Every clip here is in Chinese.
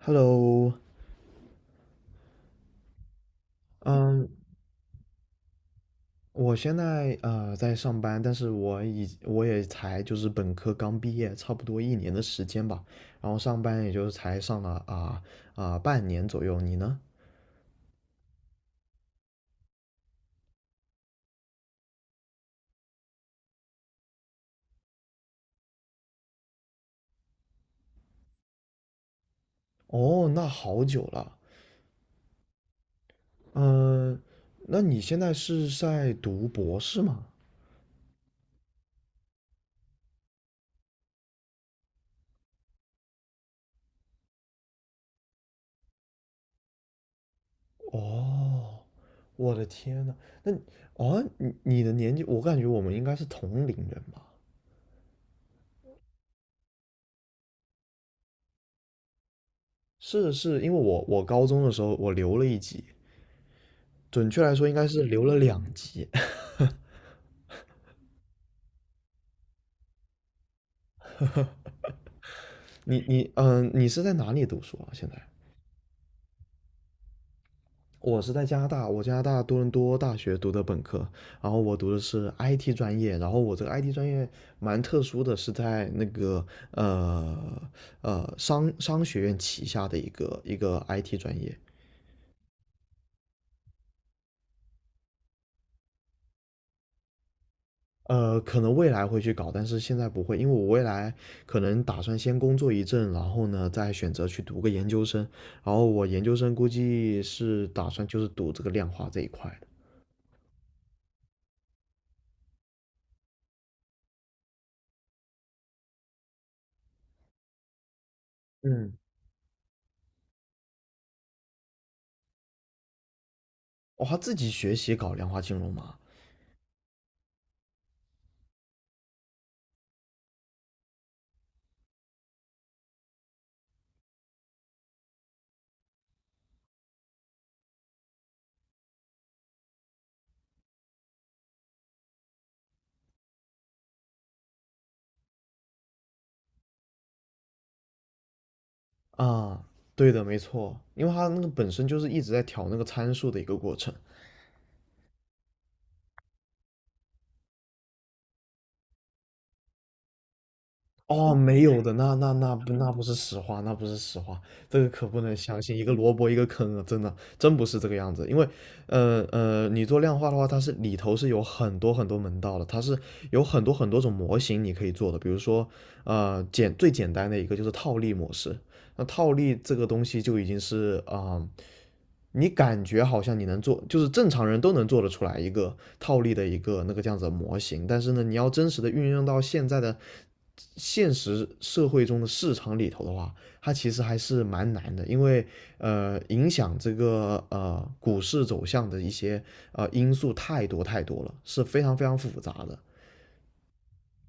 Hello，嗯，我现在在上班，但是我也才就是本科刚毕业，差不多一年的时间吧，然后上班也就才上了半年左右。你呢？哦，那好久了。嗯，那你现在是在读博士吗？哦，我的天呐，那哦，你的年纪，我感觉我们应该是同龄人吧？是是，因为我高中的时候我留了一级，准确来说应该是留了两级。你你是在哪里读书啊？现在我是在加拿大，我加拿大多伦多大学读的本科，然后我读的是 IT 专业，然后我这个 IT 专业蛮特殊的，是在那个呃商学院旗下的一个 IT 专业，可能未来会去搞，但是现在不会，因为我未来可能打算先工作一阵，然后呢，再选择去读个研究生，然后我研究生估计是打算就是读这个量化这一块的。嗯，哦，他自己学习搞量化金融嘛？啊，对的，没错，因为他那个本身就是一直在调那个参数的一个过程。哦，没有的，那那那不那不是实话，那不是实话，这个可不能相信，一个萝卜一个坑啊，真的，真不是这个样子。因为，你做量化的话，它是里头是有很多很多门道的，它是有很多很多种模型你可以做的。比如说，最简单的一个就是套利模式，那套利这个东西就已经是你感觉好像你能做，就是正常人都能做得出来一个套利的一个那个这样子的模型，但是呢，你要真实的运用到现在的现实社会中的市场里头的话，它其实还是蛮难的，因为影响这个股市走向的一些因素太多太多了，是非常非常复杂的。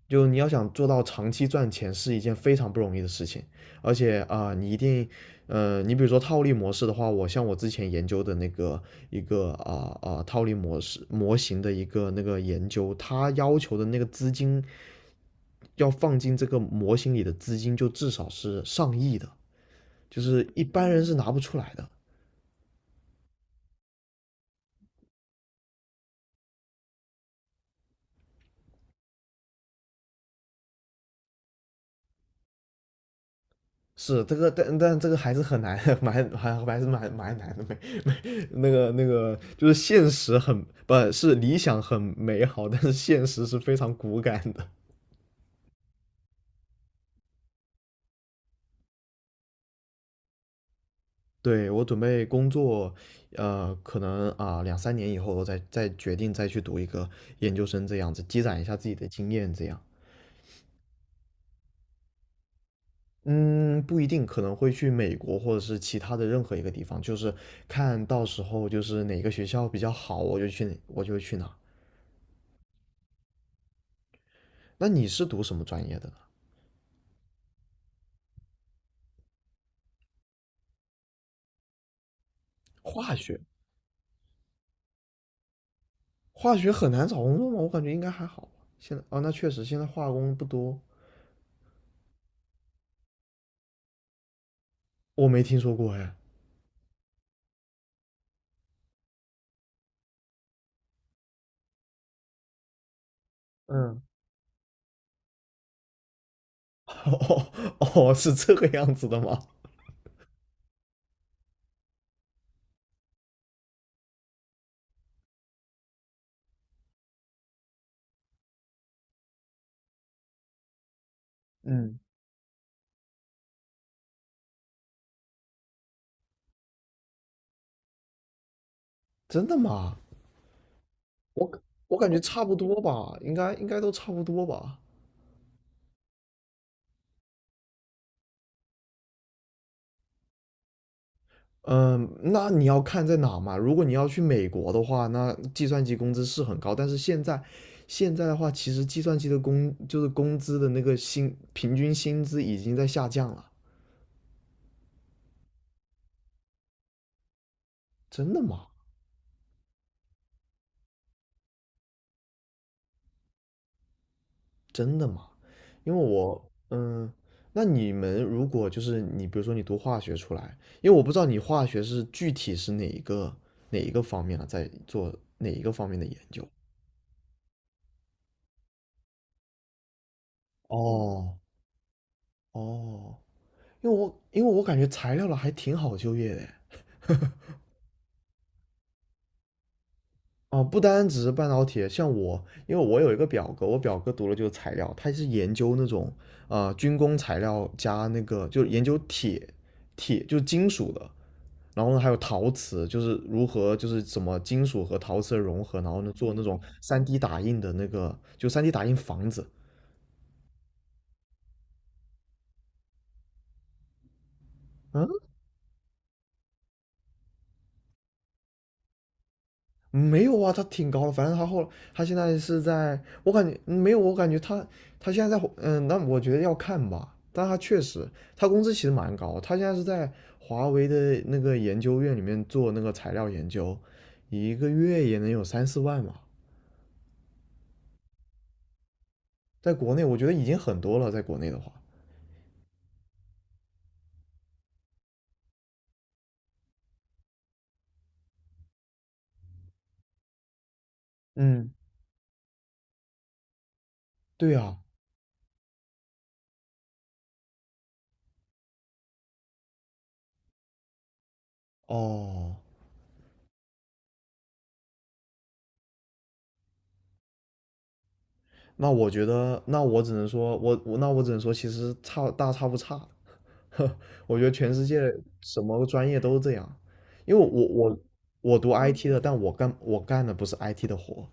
就你要想做到长期赚钱是一件非常不容易的事情，而且你一定，你比如说套利模式的话，像我之前研究的那个一个套利模型的一个那个研究，它要求的那个资金要放进这个模型里的资金就至少是上亿的，就是一般人是拿不出来的。是这个，但这个还是很难，还是蛮难的，那个就是现实很不是理想很美好，但是现实是非常骨感的。对我准备工作，可能两三年以后我再决定再去读一个研究生这样子，积攒一下自己的经验这样。嗯，不一定，可能会去美国或者是其他的任何一个地方，就是看到时候就是哪个学校比较好，我就去哪我就去哪。那你是读什么专业的呢？化学。化学很难找工作吗？我感觉应该还好吧。现在啊，那确实现在化工不多，我没听说过哎。嗯 哦哦，是这个样子的吗？嗯，真的吗？我我感觉差不多吧，应该应该都差不多吧。嗯，那你要看在哪嘛？如果你要去美国的话，那计算机工资是很高，但是现在的话，其实计算机的就是工资的那个平均薪资已经在下降了。真的吗？真的吗？因为我，嗯，那你们如果就是你，比如说你读化学出来，因为我不知道你化学是具体是哪一个哪一个方面啊，在做哪一个方面的研究？哦哦，因为我感觉材料了还挺好就业的诶，哦，不单只是半导体，像我，因为我有一个表哥，我表哥读了就是材料，他是研究那种军工材料加那个就是研究铁就是金属的，然后呢还有陶瓷，就是如何就是什么金属和陶瓷的融合，然后呢做那种 3D 打印的那个，就 3D 打印房子。嗯，没有啊，他挺高的，反正他现在是在，我感觉没有，我感觉他现在在，嗯，那我觉得要看吧，但他确实他工资其实蛮高，他现在是在华为的那个研究院里面做那个材料研究，一个月也能有三四万吧，在国内我觉得已经很多了，在国内的话，嗯，对啊，哦，那我觉得，那我只能说，我只能说，其实差不差。我觉得全世界什么专业都是这样，因为我读 IT 的，但我干的不是 IT 的活，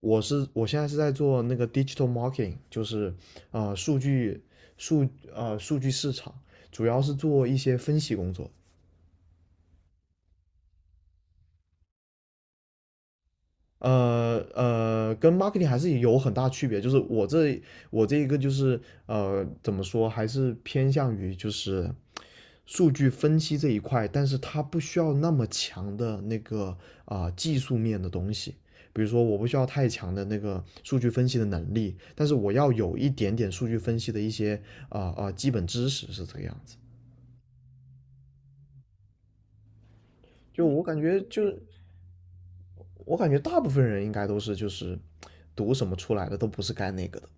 我现在是在做那个 digital marketing，就是啊数据数数据市场，主要是做一些分析工作。跟 marketing 还是有很大区别，就是我这一个就是怎么说，还是偏向于就是。数据分析这一块，但是它不需要那么强的那个技术面的东西。比如说，我不需要太强的那个数据分析的能力，但是我要有一点点数据分析的一些基本知识是这个样子。就我感觉大部分人应该都是就是读什么出来的都不是干那个的。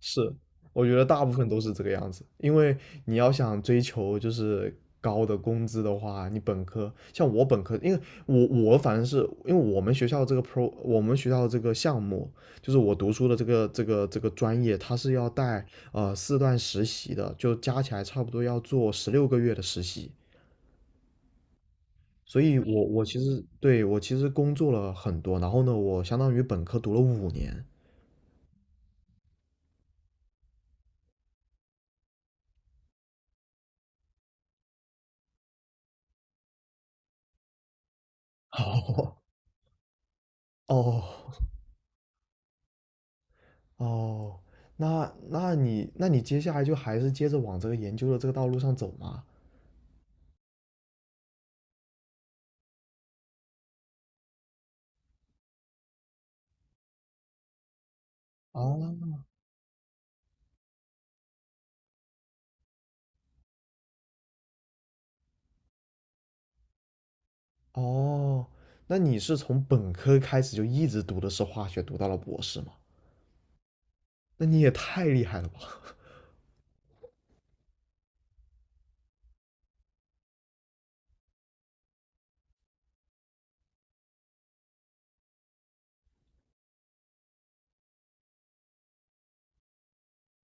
是，我觉得大部分都是这个样子，因为你要想追求就是高的工资的话，你本科像我本科，因为我反正是因为我们学校这个 我们学校这个项目就是我读书的这个专业，它是要带四段实习的，就加起来差不多要做16个月的实习。所以我其实工作了很多，然后呢，我相当于本科读了5年。哦哦，哦，那你接下来就还是接着往这个研究的这个道路上走吗？哦，哦，那你是从本科开始就一直读的是化学，读到了博士吗？那你也太厉害了吧！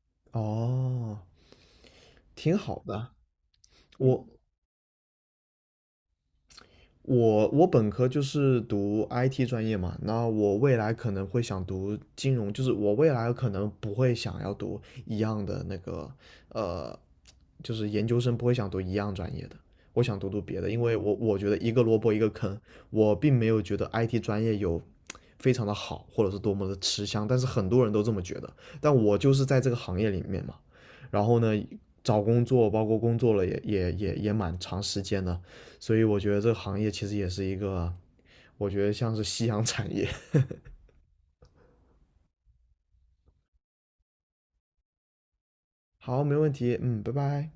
哦，挺好的。嗯我我本科就是读 IT 专业嘛，那我未来可能会想读金融，就是我未来可能不会想要读一样的那个呃就是研究生不会想读一样专业的，我想读读别的，因为我觉得一个萝卜一个坑，我并没有觉得 IT 专业有非常的好，或者是多么的吃香，但是很多人都这么觉得，但我就是在这个行业里面嘛，然后呢，找工作包括工作了也蛮长时间的，所以我觉得这个行业其实也是一个，我觉得像是夕阳产业。好，没问题，嗯，拜拜。